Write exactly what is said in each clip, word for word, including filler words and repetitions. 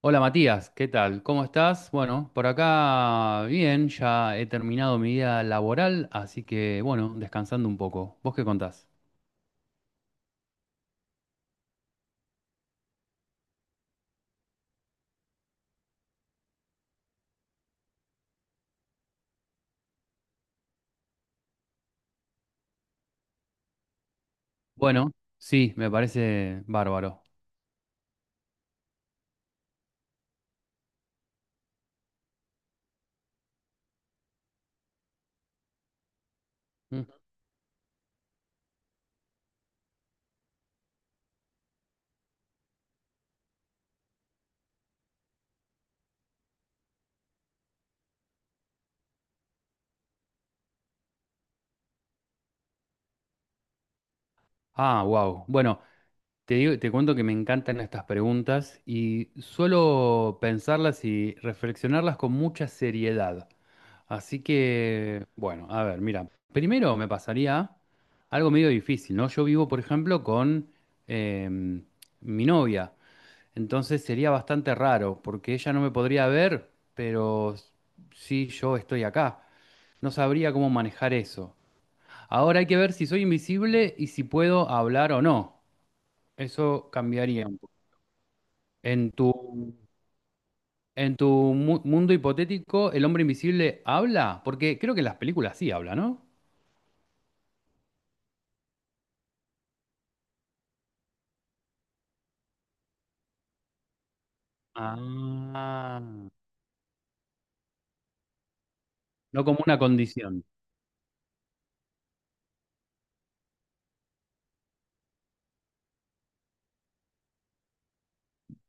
Hola Matías, ¿qué tal? ¿Cómo estás? Bueno, por acá bien, ya he terminado mi día laboral, así que bueno, descansando un poco. ¿Vos qué contás? Bueno, sí, me parece bárbaro. Mm. Ah, wow. Bueno, te digo, te cuento que me encantan estas preguntas y suelo pensarlas y reflexionarlas con mucha seriedad. Así que, bueno, a ver, mira, primero me pasaría algo medio difícil, ¿no? Yo vivo, por ejemplo, con em, mi novia, entonces sería bastante raro, porque ella no me podría ver, pero sí yo estoy acá. No sabría cómo manejar eso. Ahora hay que ver si soy invisible y si puedo hablar o no. Eso cambiaría un poco. En tu, en tu mu- mundo hipotético, ¿el hombre invisible habla? Porque creo que las películas sí hablan, ¿no? Ah, no como una condición.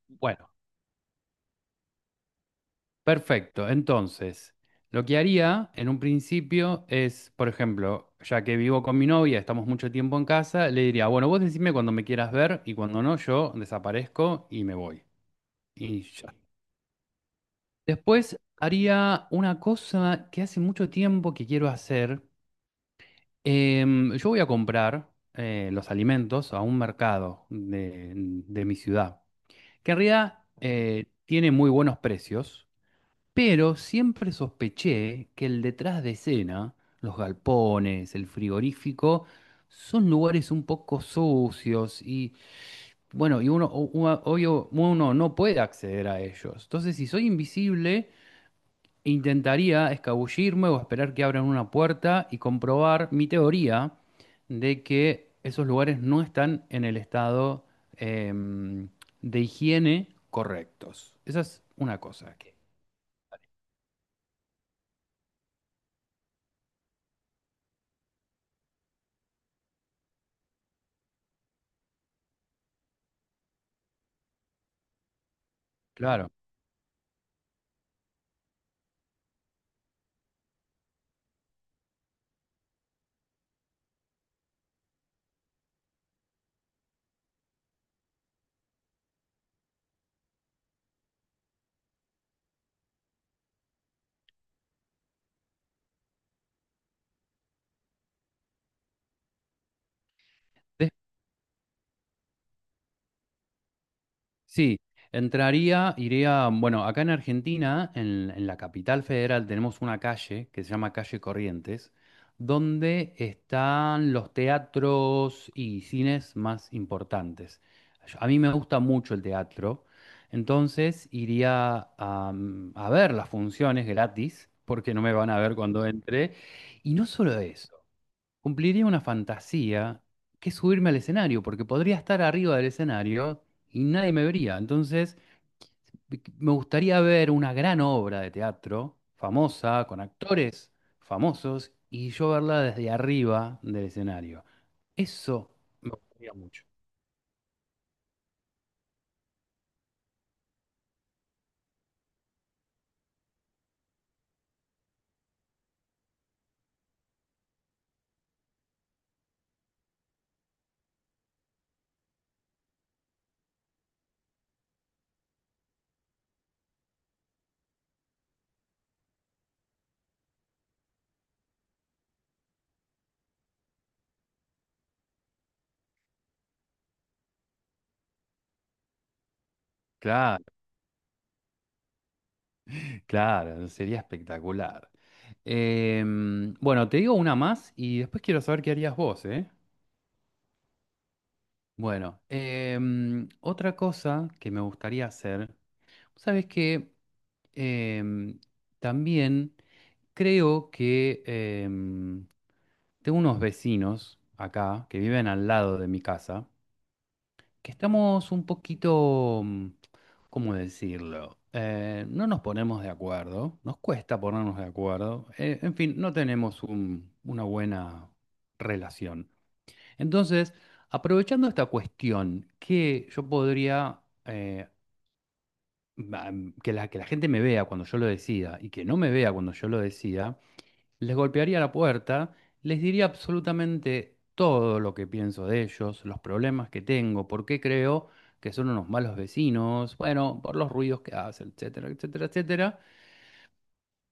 Bueno, perfecto. Entonces, lo que haría en un principio es, por ejemplo, ya que vivo con mi novia, estamos mucho tiempo en casa, le diría, bueno, vos decime cuando me quieras ver y cuando no, yo desaparezco y me voy. Y ya. Después haría una cosa que hace mucho tiempo que quiero hacer. Em, yo voy a comprar eh, los alimentos a un mercado de, de mi ciudad, que en realidad eh, tiene muy buenos precios, pero siempre sospeché que el detrás de escena, los galpones, el frigorífico, son lugares un poco sucios y bueno, y uno, o- uno- obvio, uno no puede acceder a ellos. Entonces, si soy invisible, intentaría escabullirme o esperar que abran una puerta y comprobar mi teoría de que esos lugares no están en el estado em, de higiene correctos. Esa es una cosa que, claro. Sí, entraría, iría, bueno, acá en Argentina, en, en la capital federal, tenemos una calle que se llama Calle Corrientes, donde están los teatros y cines más importantes. Yo- A mí me gusta mucho el teatro, entonces iría a, mm, a ver las funciones gratis, porque no me van a ver cuando entre. Y no solo eso. Cumpliría una fantasía que es subirme al escenario, porque podría estar arriba del escenario y nadie me vería. Entonces, me gustaría ver una gran obra de teatro, famosa, con actores famosos, y yo verla desde arriba del escenario. Eso me gustaría mucho. Claro, claro, sería espectacular. Em, bueno, te digo una más y después quiero saber qué harías vos, ¿eh? Bueno, em, otra cosa que me gustaría hacer. Sabes que em, también creo que em, tengo unos vecinos acá que viven al lado de mi casa, que estamos un poquito, mm, ¿cómo decirlo? Eh, no nos ponemos de acuerdo, nos cuesta ponernos de acuerdo, eh, en fin, no tenemos un- una buena relación. Entonces, aprovechando esta cuestión que yo podría... eh, ba- que la, que la gente me vea cuando yo lo decida y que no me vea cuando yo lo decida, les golpearía la puerta, les diría absolutamente todo lo que pienso de ellos, los problemas que tengo, por qué creo que son unos malos vecinos, bueno, por los ruidos que hacen, etcétera, etcétera, etcétera.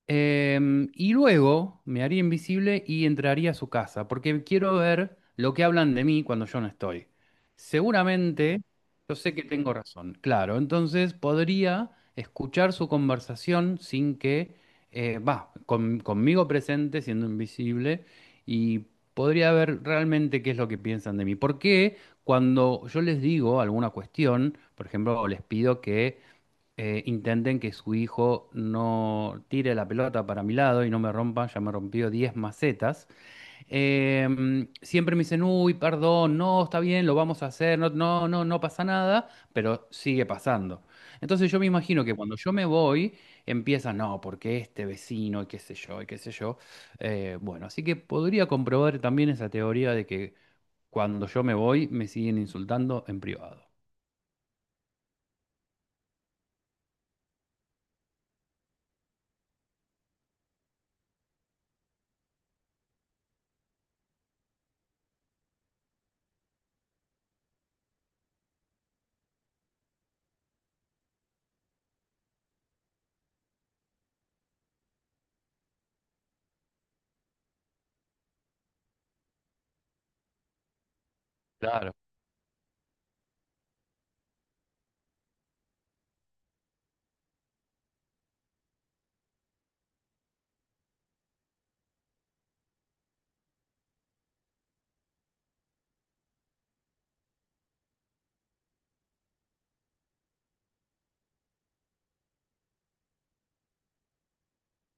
Em, y luego me haría invisible y entraría a su casa, porque quiero ver lo que hablan de mí cuando yo no estoy. Seguramente, yo sé que tengo razón, claro, entonces podría escuchar su conversación sin que, eh, va, con- conmigo presente, siendo invisible, y podría ver realmente qué es lo que piensan de mí. Porque cuando yo les digo alguna cuestión, por ejemplo, les pido que eh, intenten que su hijo no tire la pelota para mi lado y no me rompa, ya me rompió diez macetas. Eh, Siempre me dicen, uy, perdón, no, está bien, lo vamos a hacer, no, no, no, no pasa nada, pero sigue pasando. Entonces yo me imagino que cuando yo me voy, empieza, no, porque este vecino, y qué sé yo, y qué sé yo. Eh, bueno, así que podría comprobar también esa teoría de que cuando yo me voy, me siguen insultando en privado. Claro,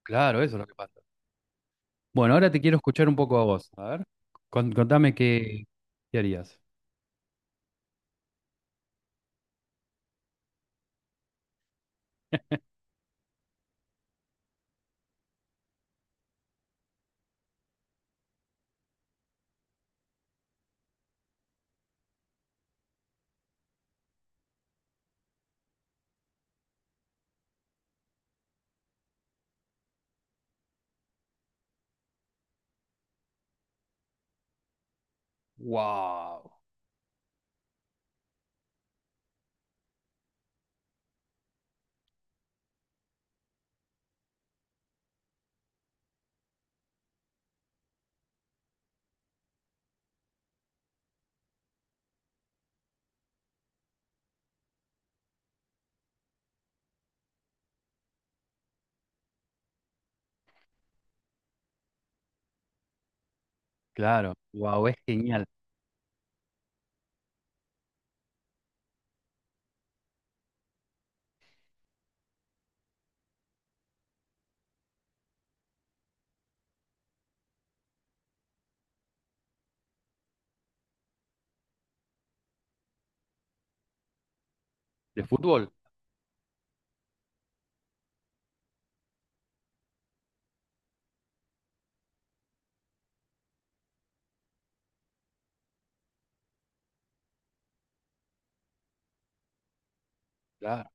claro, eso es lo que pasa. Bueno, ahora te quiero escuchar un poco a vos. A ver, con- contame qué, qué harías. Wow. Claro, wow, es genial. ¿De fútbol? Claro.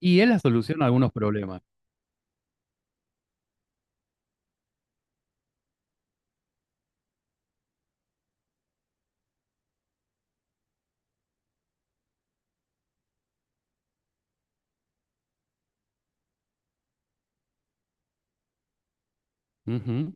Y es la solución a algunos problemas. Ujú.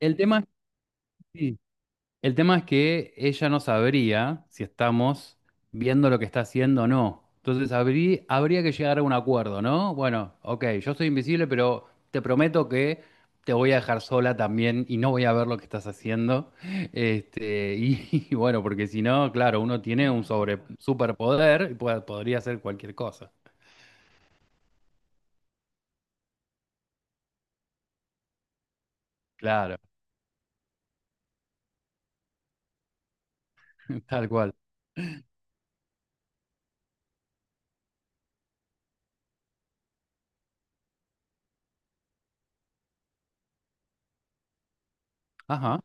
El tema es, sí, el tema es que ella no sabría si estamos viendo lo que está haciendo o no. Entonces habrí- habría que llegar a un acuerdo, ¿no? Bueno, ok, yo soy invisible, pero te prometo que te voy a dejar sola también y no voy a ver lo que estás haciendo. Este, y, y bueno, porque si no, claro, uno tiene un sobre, superpoder y puede- podría hacer cualquier cosa. Claro, tal cual. Ajá,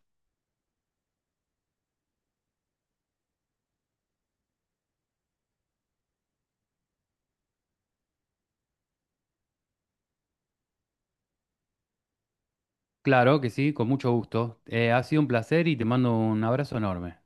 claro que sí, con mucho gusto. Eh, ha sido un placer y te mando un abrazo enorme.